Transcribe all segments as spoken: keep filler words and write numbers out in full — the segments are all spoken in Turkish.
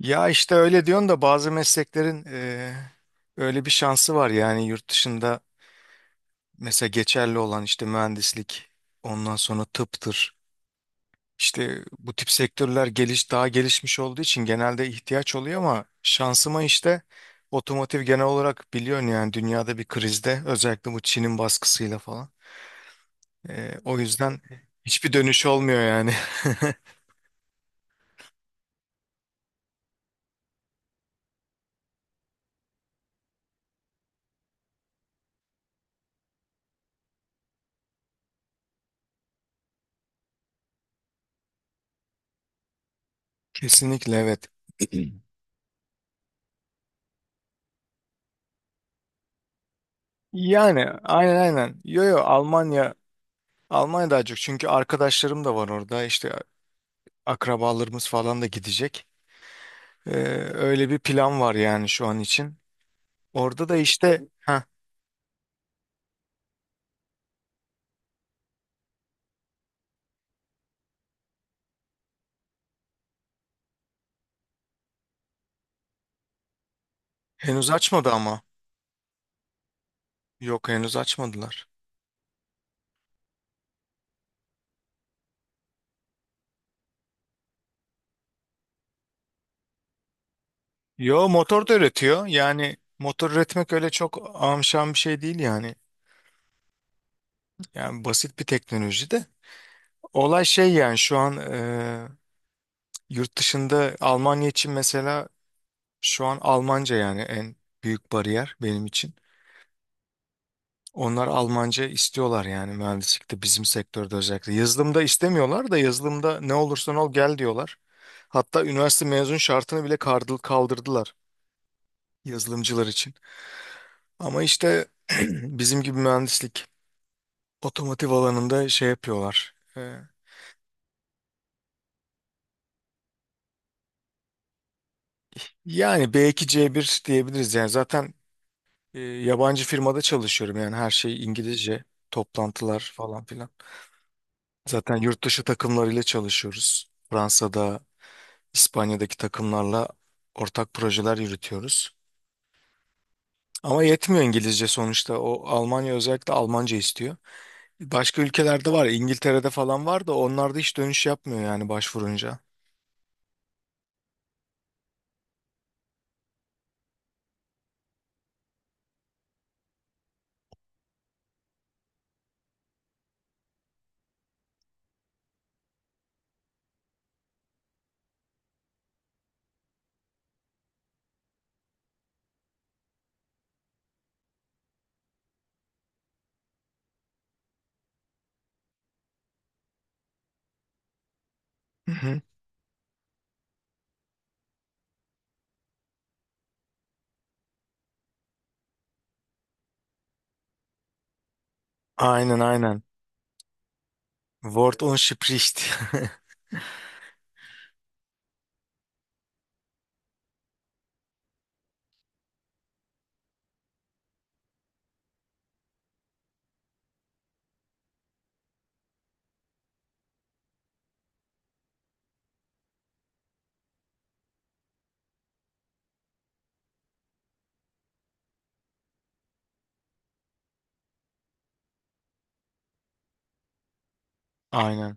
Ya işte öyle diyorsun da bazı mesleklerin eee, öyle bir şansı var yani yurt dışında, mesela geçerli olan işte mühendislik, ondan sonra tıptır. İşte bu tip sektörler geliş daha gelişmiş olduğu için genelde ihtiyaç oluyor, ama şansıma işte otomotiv, genel olarak biliyorsun yani dünyada bir krizde, özellikle bu Çin'in baskısıyla falan. Eee, o yüzden hiçbir dönüş olmuyor yani. Kesinlikle, evet. Yani aynen aynen. Yo yo Almanya Almanya daha çok çünkü arkadaşlarım da var orada, işte akrabalarımız falan da gidecek. Ee, Öyle bir plan var yani şu an için. Orada da işte ha henüz açmadı ama. Yok, henüz açmadılar. Yo, motor da üretiyor yani. Motor üretmek öyle çok amşan bir şey değil yani. Yani basit bir teknoloji de. Olay şey yani, şu an e, yurt dışında Almanya için mesela şu an Almanca yani en büyük bariyer benim için. Onlar Almanca istiyorlar yani mühendislikte, bizim sektörde özellikle. Yazılımda istemiyorlar, da yazılımda ne olursan ol gel diyorlar. Hatta üniversite mezun şartını bile kardı- kaldırdılar yazılımcılar için. Ama işte bizim gibi mühendislik otomotiv alanında şey yapıyorlar. Ee, Yani B iki C bir diyebiliriz yani. Zaten e, yabancı firmada çalışıyorum, yani her şey İngilizce, toplantılar falan filan. Zaten yurt dışı takımlarıyla çalışıyoruz. Fransa'da, İspanya'daki takımlarla ortak projeler yürütüyoruz. Ama yetmiyor İngilizce sonuçta. O Almanya özellikle Almanca istiyor. Başka ülkelerde var. İngiltere'de falan var da onlar da hiç dönüş yapmıyor yani başvurunca. Hı hı. Aynen aynen. Wort und Spricht. Aynen.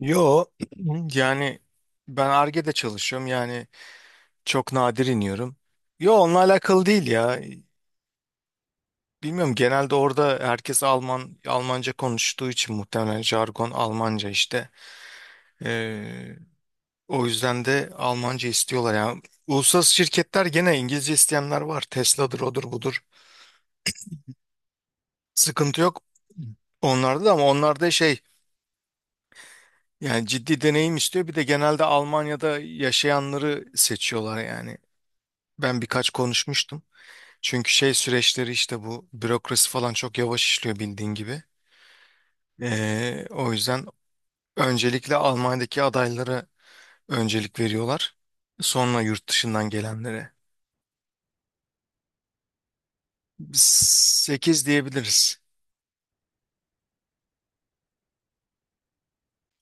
Yo, yani ben Ar-Ge'de çalışıyorum yani, çok nadir iniyorum. Yo, onunla alakalı değil ya. Bilmiyorum, genelde orada herkes Alman Almanca konuştuğu için muhtemelen jargon Almanca işte. Ee, O yüzden de Almanca istiyorlar ya. Uluslararası şirketler gene, İngilizce isteyenler var. Tesla'dır, odur budur. Sıkıntı yok onlarda da, ama onlarda şey, yani ciddi deneyim istiyor. Bir de genelde Almanya'da yaşayanları seçiyorlar yani. Ben birkaç konuşmuştum. Çünkü şey, süreçleri işte, bu bürokrasi falan çok yavaş işliyor bildiğin gibi. Ee, o yüzden öncelikle Almanya'daki adaylara öncelik veriyorlar. Sonra yurt dışından gelenlere. sekiz diyebiliriz.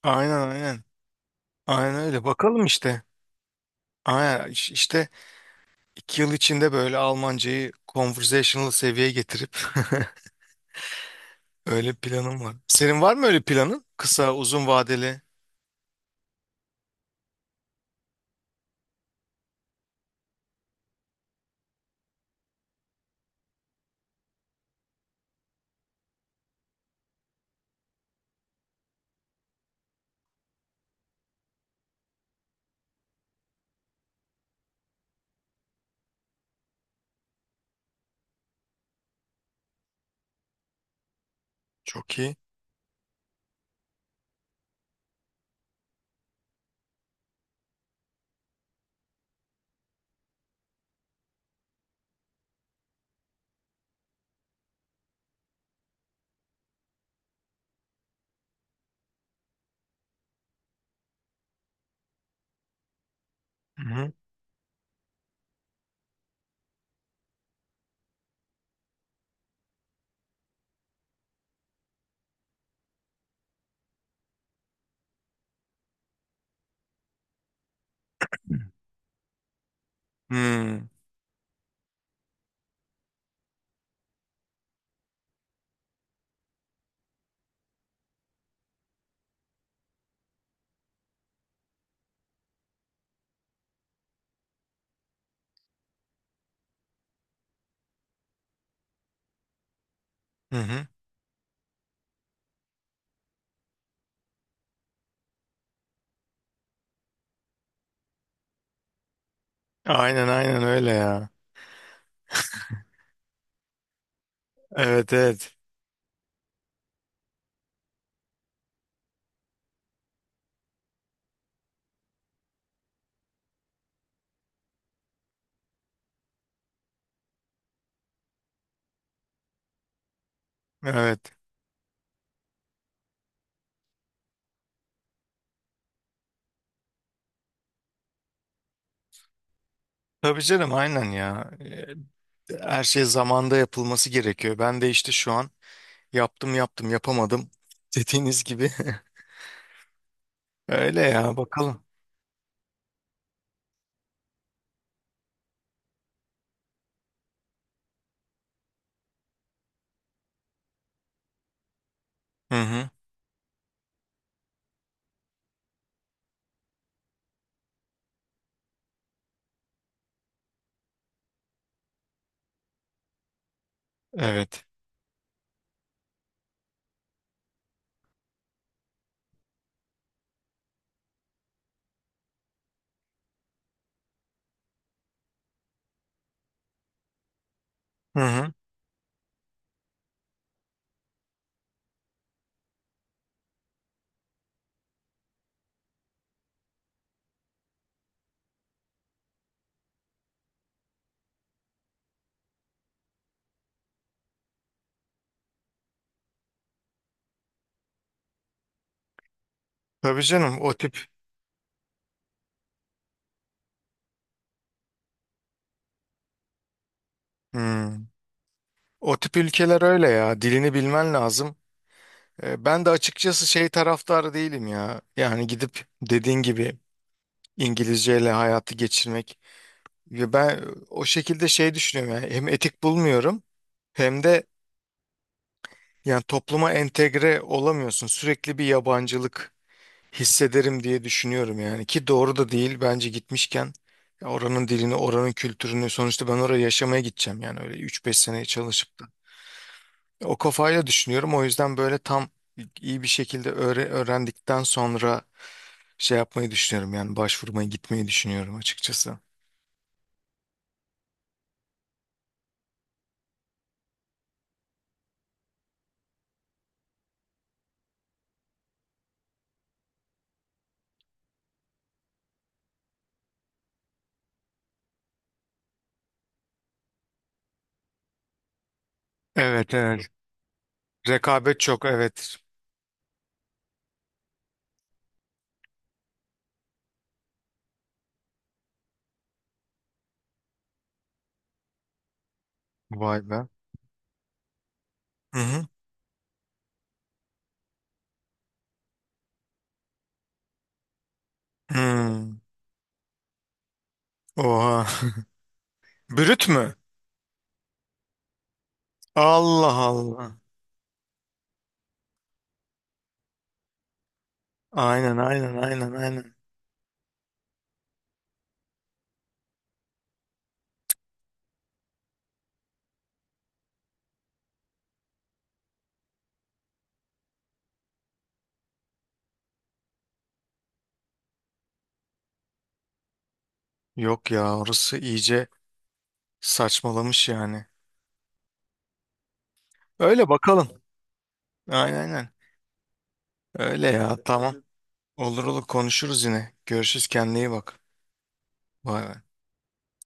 Aynen aynen. Aynen öyle. Bakalım işte. Aynen. İş- işte iki yıl içinde böyle Almancayı conversational seviyeye getirip öyle planım var. Senin var mı öyle planın? Kısa, uzun vadeli. Çok iyi. Hı-hı. Hmm. Hı-hı. Aynen aynen öyle ya. Evet evet. Evet. Tabii canım, aynen ya. Ee, Her şey zamanda yapılması gerekiyor. Ben de işte şu an yaptım yaptım yapamadım, dediğiniz gibi. Öyle ya, bakalım. Hı hı. Evet. Hı hı. Tabii canım, o tip. Hmm. O tip ülkeler öyle ya. Dilini bilmen lazım. E, Ben de açıkçası şey taraftarı değilim ya. Yani gidip, dediğin gibi, İngilizceyle hayatı geçirmek. Ve ben o şekilde şey düşünüyorum yani. Hem etik bulmuyorum, hem de yani topluma entegre olamıyorsun. Sürekli bir yabancılık hissederim diye düşünüyorum yani. Ki doğru da değil bence, gitmişken ya oranın dilini, oranın kültürünü, sonuçta ben oraya yaşamaya gideceğim yani. Öyle üç beş sene çalışıp da, o kafayla düşünüyorum. O yüzden böyle tam iyi bir şekilde öğre- öğrendikten sonra şey yapmayı düşünüyorum yani, başvurmaya gitmeyi düşünüyorum açıkçası. Evet evet, rekabet çok, evet. Vay be. Hı hı. Hmm. Oha. Brüt mü? Allah Allah. Aynen aynen aynen aynen. Yok ya, orası iyice saçmalamış yani. Öyle bakalım. Aynen aynen. Öyle ya, tamam. Olur olur, konuşuruz yine. Görüşürüz, kendine iyi bak. Bay bay.